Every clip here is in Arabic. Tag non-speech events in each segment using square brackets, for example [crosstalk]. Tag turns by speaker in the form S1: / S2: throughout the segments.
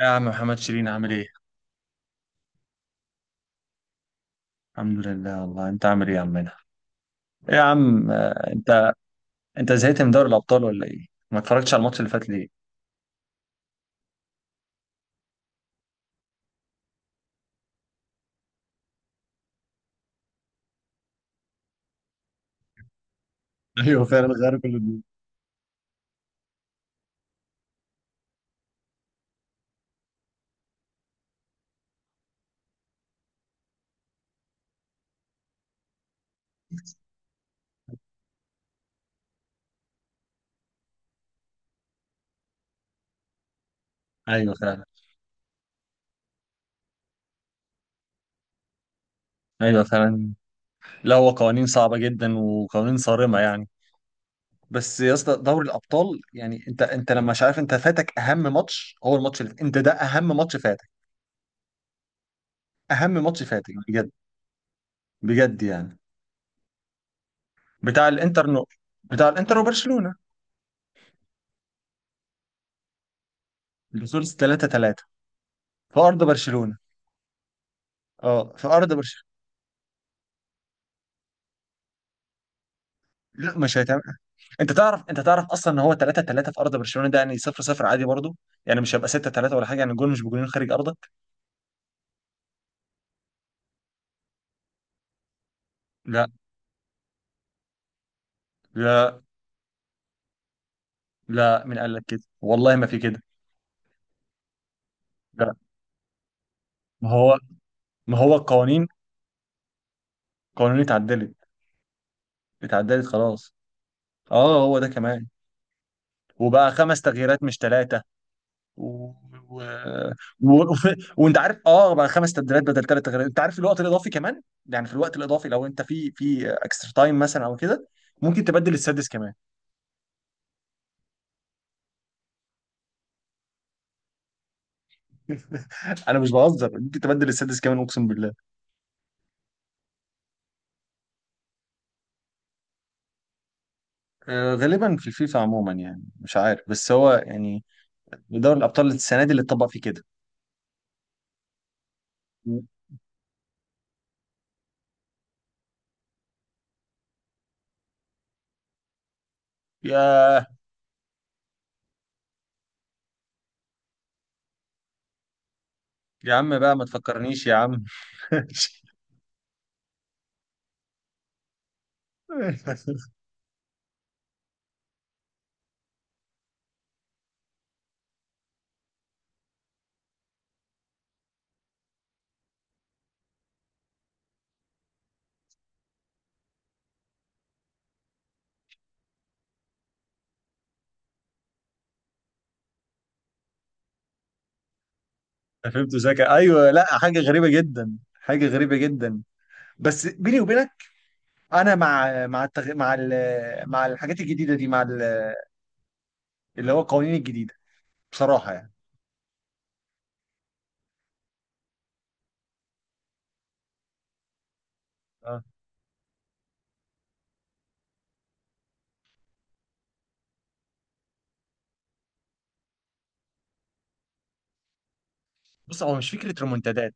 S1: يا عم محمد شيرين عامل ايه؟ الحمد لله والله، انت عامل ايه يا عمنا؟ ايه يا عم، انت زهقت من دوري الابطال ولا ايه؟ ما اتفرجتش على الماتش اللي فات ليه؟ [laughs] ايوه فعلا، غير كل دول. ايوه فعلا. ايوه فعلا. لا، هو قوانين صعبه جدا وقوانين صارمه يعني. بس يا اسطى، دوري الابطال يعني انت لما مش عارف، انت فاتك اهم ماتش، هو الماتش اللي انت ده اهم ماتش فاتك. اهم ماتش فاتك بجد. بجد يعني. بتاع الانتر نو بتاع الانتر وبرشلونه. اللي خلص 3-3 في ارض برشلونه. اه، في ارض برشلونه. لا مش هيتعمل. انت تعرف اصلا ان هو 3-3 في ارض برشلونه، ده يعني 0-0 عادي برضه. يعني مش هيبقى 6-3 ولا حاجه، يعني الجول مش بجولين خارج ارضك. لا. لا. لا، مين قال لك كده، والله ما في كده. لا. ما هو ما هو القوانين، قوانين اتعدلت خلاص. اه هو ده كمان. وبقى خمس تغييرات مش ثلاثه. و... و... و... وف... وانت عارف، اه بقى خمس تبديلات بدل ثلاث تغييرات، انت عارف الوقت الاضافي كمان. يعني في الوقت الاضافي لو انت في اكسترا تايم مثلا او كده، ممكن تبدل السادس كمان. [laughs] انا مش بهزر، ممكن تبدل السادس كمان، اقسم بالله. غالبا في الفيفا عموما، يعني مش عارف، بس هو يعني دوري الابطال السنه دي اللي اتطبق فيه كده. ياه. يا عم بقى ما تفكرنيش يا عم. [laughs] فهمت زكا. ايوه، لا حاجه غريبه جدا، حاجه غريبه جدا. بس بيني وبينك، انا مع مع الحاجات الجديده دي، اللي هو القوانين الجديده، بصراحه يعني. آه. بص، هو مش فكره رومنتادات.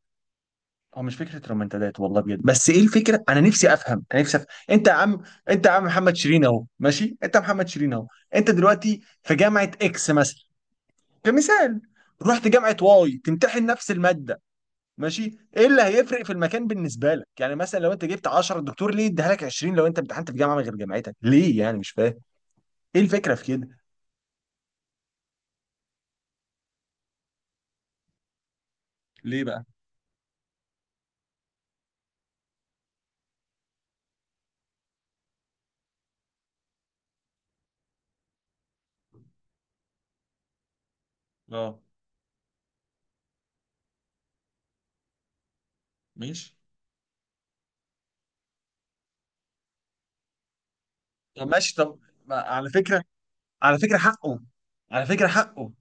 S1: هو مش فكره رومنتادات والله بجد. بس ايه الفكره، انا نفسي افهم، انا نفسي افهم. انت يا عم، انت يا عم محمد شيرين اهو، ماشي، انت محمد شيرين اهو. انت دلوقتي في جامعه اكس مثلا، كمثال. رحت جامعه واي تمتحن نفس الماده، ماشي. ايه اللي هيفرق في المكان بالنسبه لك؟ يعني مثلا لو انت جبت 10 الدكتور ليه يديها لك 20؟ لو انت امتحنت في جامعه غير جامعتك ليه يعني، مش فاهم ايه الفكره في كده. ليه بقى. اه. ماشي. طب ماشي، طب. على فكره، على فكره حقه، على فكره حقه.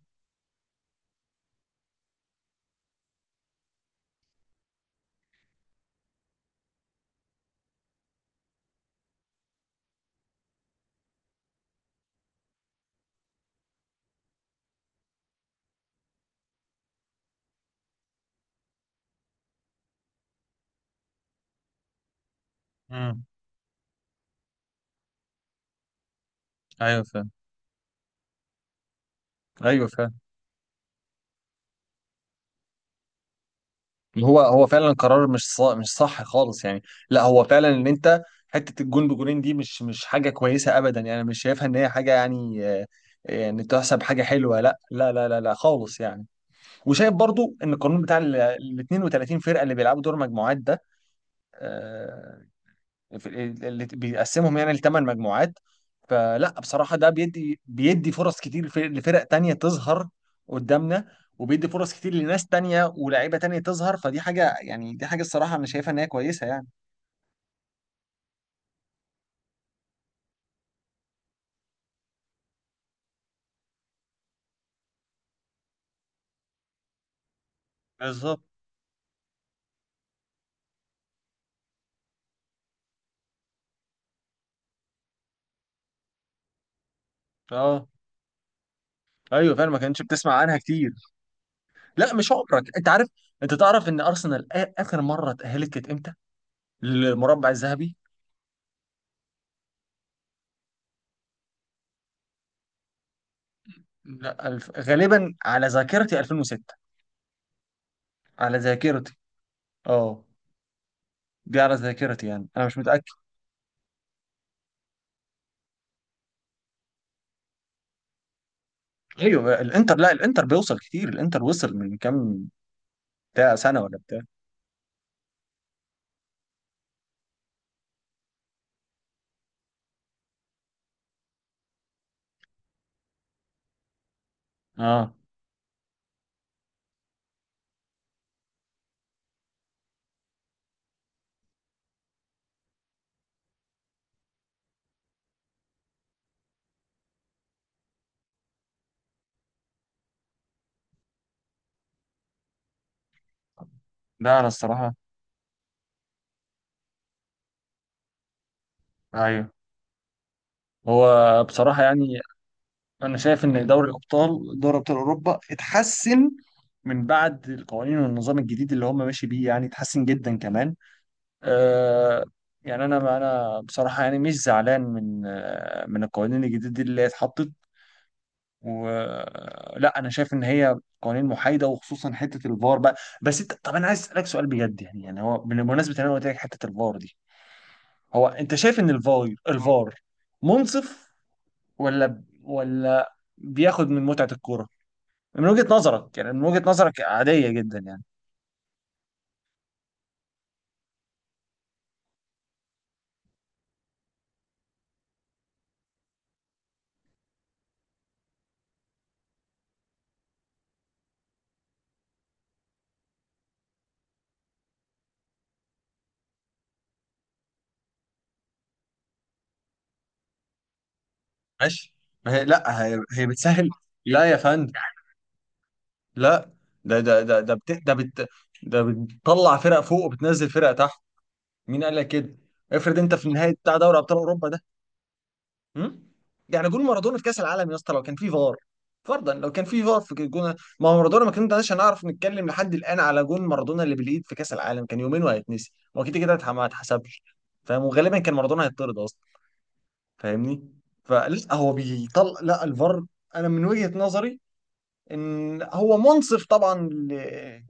S1: مم. ايوه فاهم. ايوه فاهم. هو هو فعلا قرار مش صح، مش صح خالص يعني. لا هو فعلا ان انت، حته الجون بجونين دي مش حاجه كويسه ابدا يعني. أنا مش شايفها ان هي حاجه يعني، يعني تحسب حاجه حلوه، لا لا لا لا لا خالص يعني. وشايف برضو ان القانون بتاع ال 32 فرقه اللي بيلعبوا دور مجموعات ده، آه، اللي بيقسمهم يعني لثمان مجموعات. فلا بصراحة، ده بيدي فرص كتير لفرق تانية تظهر قدامنا، وبيدي فرص كتير لناس تانية ولاعيبة تانية تظهر. فدي حاجة يعني، دي حاجة الصراحة أنا شايفها إن هي كويسة يعني. بالظبط. اه. ايوه فعلا، ما كانتش بتسمع عنها كتير. لا مش عمرك، انت عارف. انت تعرف ان ارسنال اخر مره اتاهلت كانت امتى للمربع الذهبي؟ لا، غالبا على ذاكرتي 2006، على ذاكرتي. اه. دي على ذاكرتي يعني، انا مش متاكد. ايوه الانتر، لا الانتر بيوصل كتير، الانتر وصل من كام، بتاع سنه ولا بتاع؟ اه. لا انا الصراحه. ايوه. هو بصراحه يعني انا شايف ان دوري الابطال، دوري ابطال اوروبا اتحسن من بعد القوانين والنظام الجديد اللي هم ماشي بيه، يعني اتحسن جدا كمان. آه، يعني انا بصراحه يعني مش زعلان من من القوانين الجديده دي اللي هي اتحطت. ولا انا شايف ان هي قوانين محايده، وخصوصا حته الفار بقى. بس انت طب، انا عايز اسالك سؤال بجد يعني، يعني هو بمناسبه ان انا قلت لك حته الفار دي، هو انت شايف ان الفار منصف، ولا بياخد من متعه الكوره؟ من وجهه نظرك يعني، من وجهه نظرك عاديه جدا يعني. ماشي. ما هي لا، هي بتسهل. لا يا فندم. لا، ده ده ده ده بت... ده بت... ده بتطلع فرق فوق وبتنزل فرق تحت. مين قال لك كده؟ افرض انت في نهاية بتاع دوري ابطال اوروبا، هم؟ يعني جول مارادونا في كاس العالم يا اسطى، لو كان في فار، فرضا لو كان في فار في جول، ما هو مارادونا ما كناش هنعرف نتكلم لحد الان على جول مارادونا اللي بالايد في كاس العالم، كان يومين وهيتنسي، هو كده كده ما اتحسبش. فاهم؟ وغالبا كان مارادونا هيطرد اصلا، فاهمني؟ فلا هو بيطلع، لا الفار انا من وجهة نظري ان هو منصف طبعا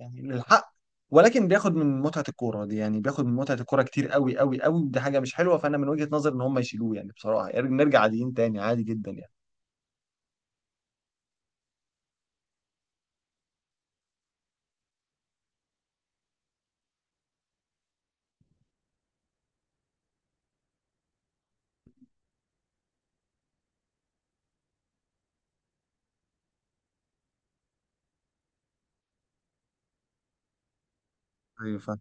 S1: يعني للحق، ولكن بياخد من متعة الكورة دي، يعني بياخد من متعة الكورة كتير قوي قوي قوي، دي حاجة مش حلوة. فانا من وجهة نظري ان هم يشيلوه، يعني بصراحة يعني، نرجع عاديين تاني، عادي جدا يعني. ايوه فاهم.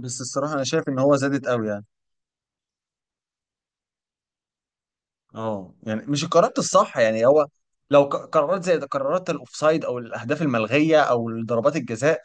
S1: بس الصراحة انا شايف ان هو زادت قوي يعني. اه يعني مش القرارات الصح يعني، هو لو قرارات زي قرارات الاوفسايد او الاهداف الملغيه او ضربات الجزاء،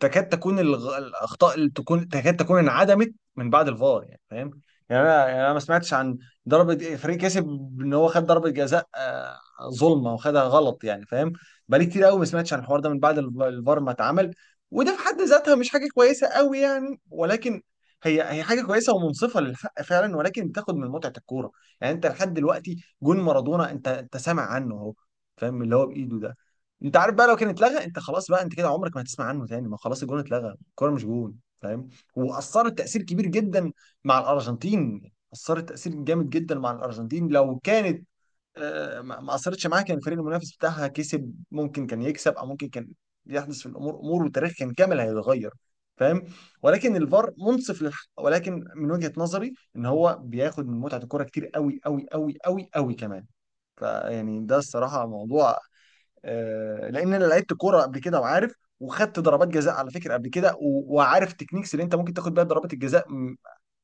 S1: تكاد تكون الاخطاء اللي تكون تكاد تكون انعدمت من بعد الفار يعني، فاهم؟ يعني انا، يعني انا ما سمعتش عن ضربه فريق كسب، ان هو خد ضربه جزاء، ظلمه وخدها غلط يعني، فاهم؟ بقالي كتير قوي ما سمعتش عن الحوار ده من بعد الفار ما اتعمل. وده في حد ذاتها مش حاجه كويسه قوي يعني، ولكن هي حاجه كويسه ومنصفه للحق فعلا، ولكن بتاخد من متعه الكوره. يعني انت لحد دلوقتي جون مارادونا انت سامع عنه اهو، فاهم؟ اللي هو بايده ده. انت عارف بقى، لو كان اتلغى، انت خلاص بقى، انت كده عمرك ما هتسمع عنه تاني، ما خلاص الجون اتلغى، الكوره مش جون. فاهم؟ واثرت تاثير كبير جدا مع الارجنتين. اثرت تاثير جامد جدا مع الارجنتين، لو كانت ما اثرتش معاه، كان الفريق المنافس بتاعها كسب، ممكن كان يكسب او ممكن كان يحدث في الامور امور، وتاريخ كان كامل هيتغير. فاهم؟ ولكن الفار منصف للحق، ولكن من وجهة نظري ان هو بياخد من متعة الكرة كتير قوي قوي قوي قوي قوي كمان. فيعني ده الصراحة موضوع. لان انا لعبت كورة قبل كده وعارف، وخدت ضربات جزاء على فكرة قبل كده وعارف تكنيكس اللي انت ممكن تاخد بيها ضربات الجزاء،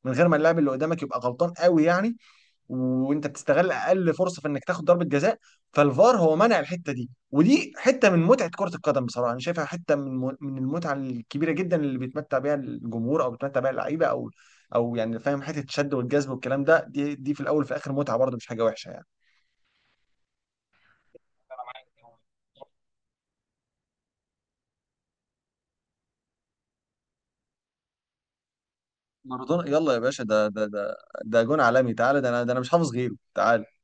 S1: من غير ما اللاعب اللي قدامك يبقى غلطان قوي يعني، وانت بتستغل اقل فرصه في انك تاخد ضربه جزاء. فالفار هو منع الحته دي، ودي حته من متعه كره القدم بصراحه، انا شايفها حته من من المتعه الكبيره جدا اللي بيتمتع بيها الجمهور او بيتمتع بيها اللعيبه او او يعني، فاهم؟ حته الشد والجذب والكلام ده، دي في الاول وفي الاخر متعه برضه، مش حاجه وحشه يعني. مارادونا يلا يا باشا، ده جون عالمي، تعالى، ده انا ده انا مش حافظ غيره، تعالى.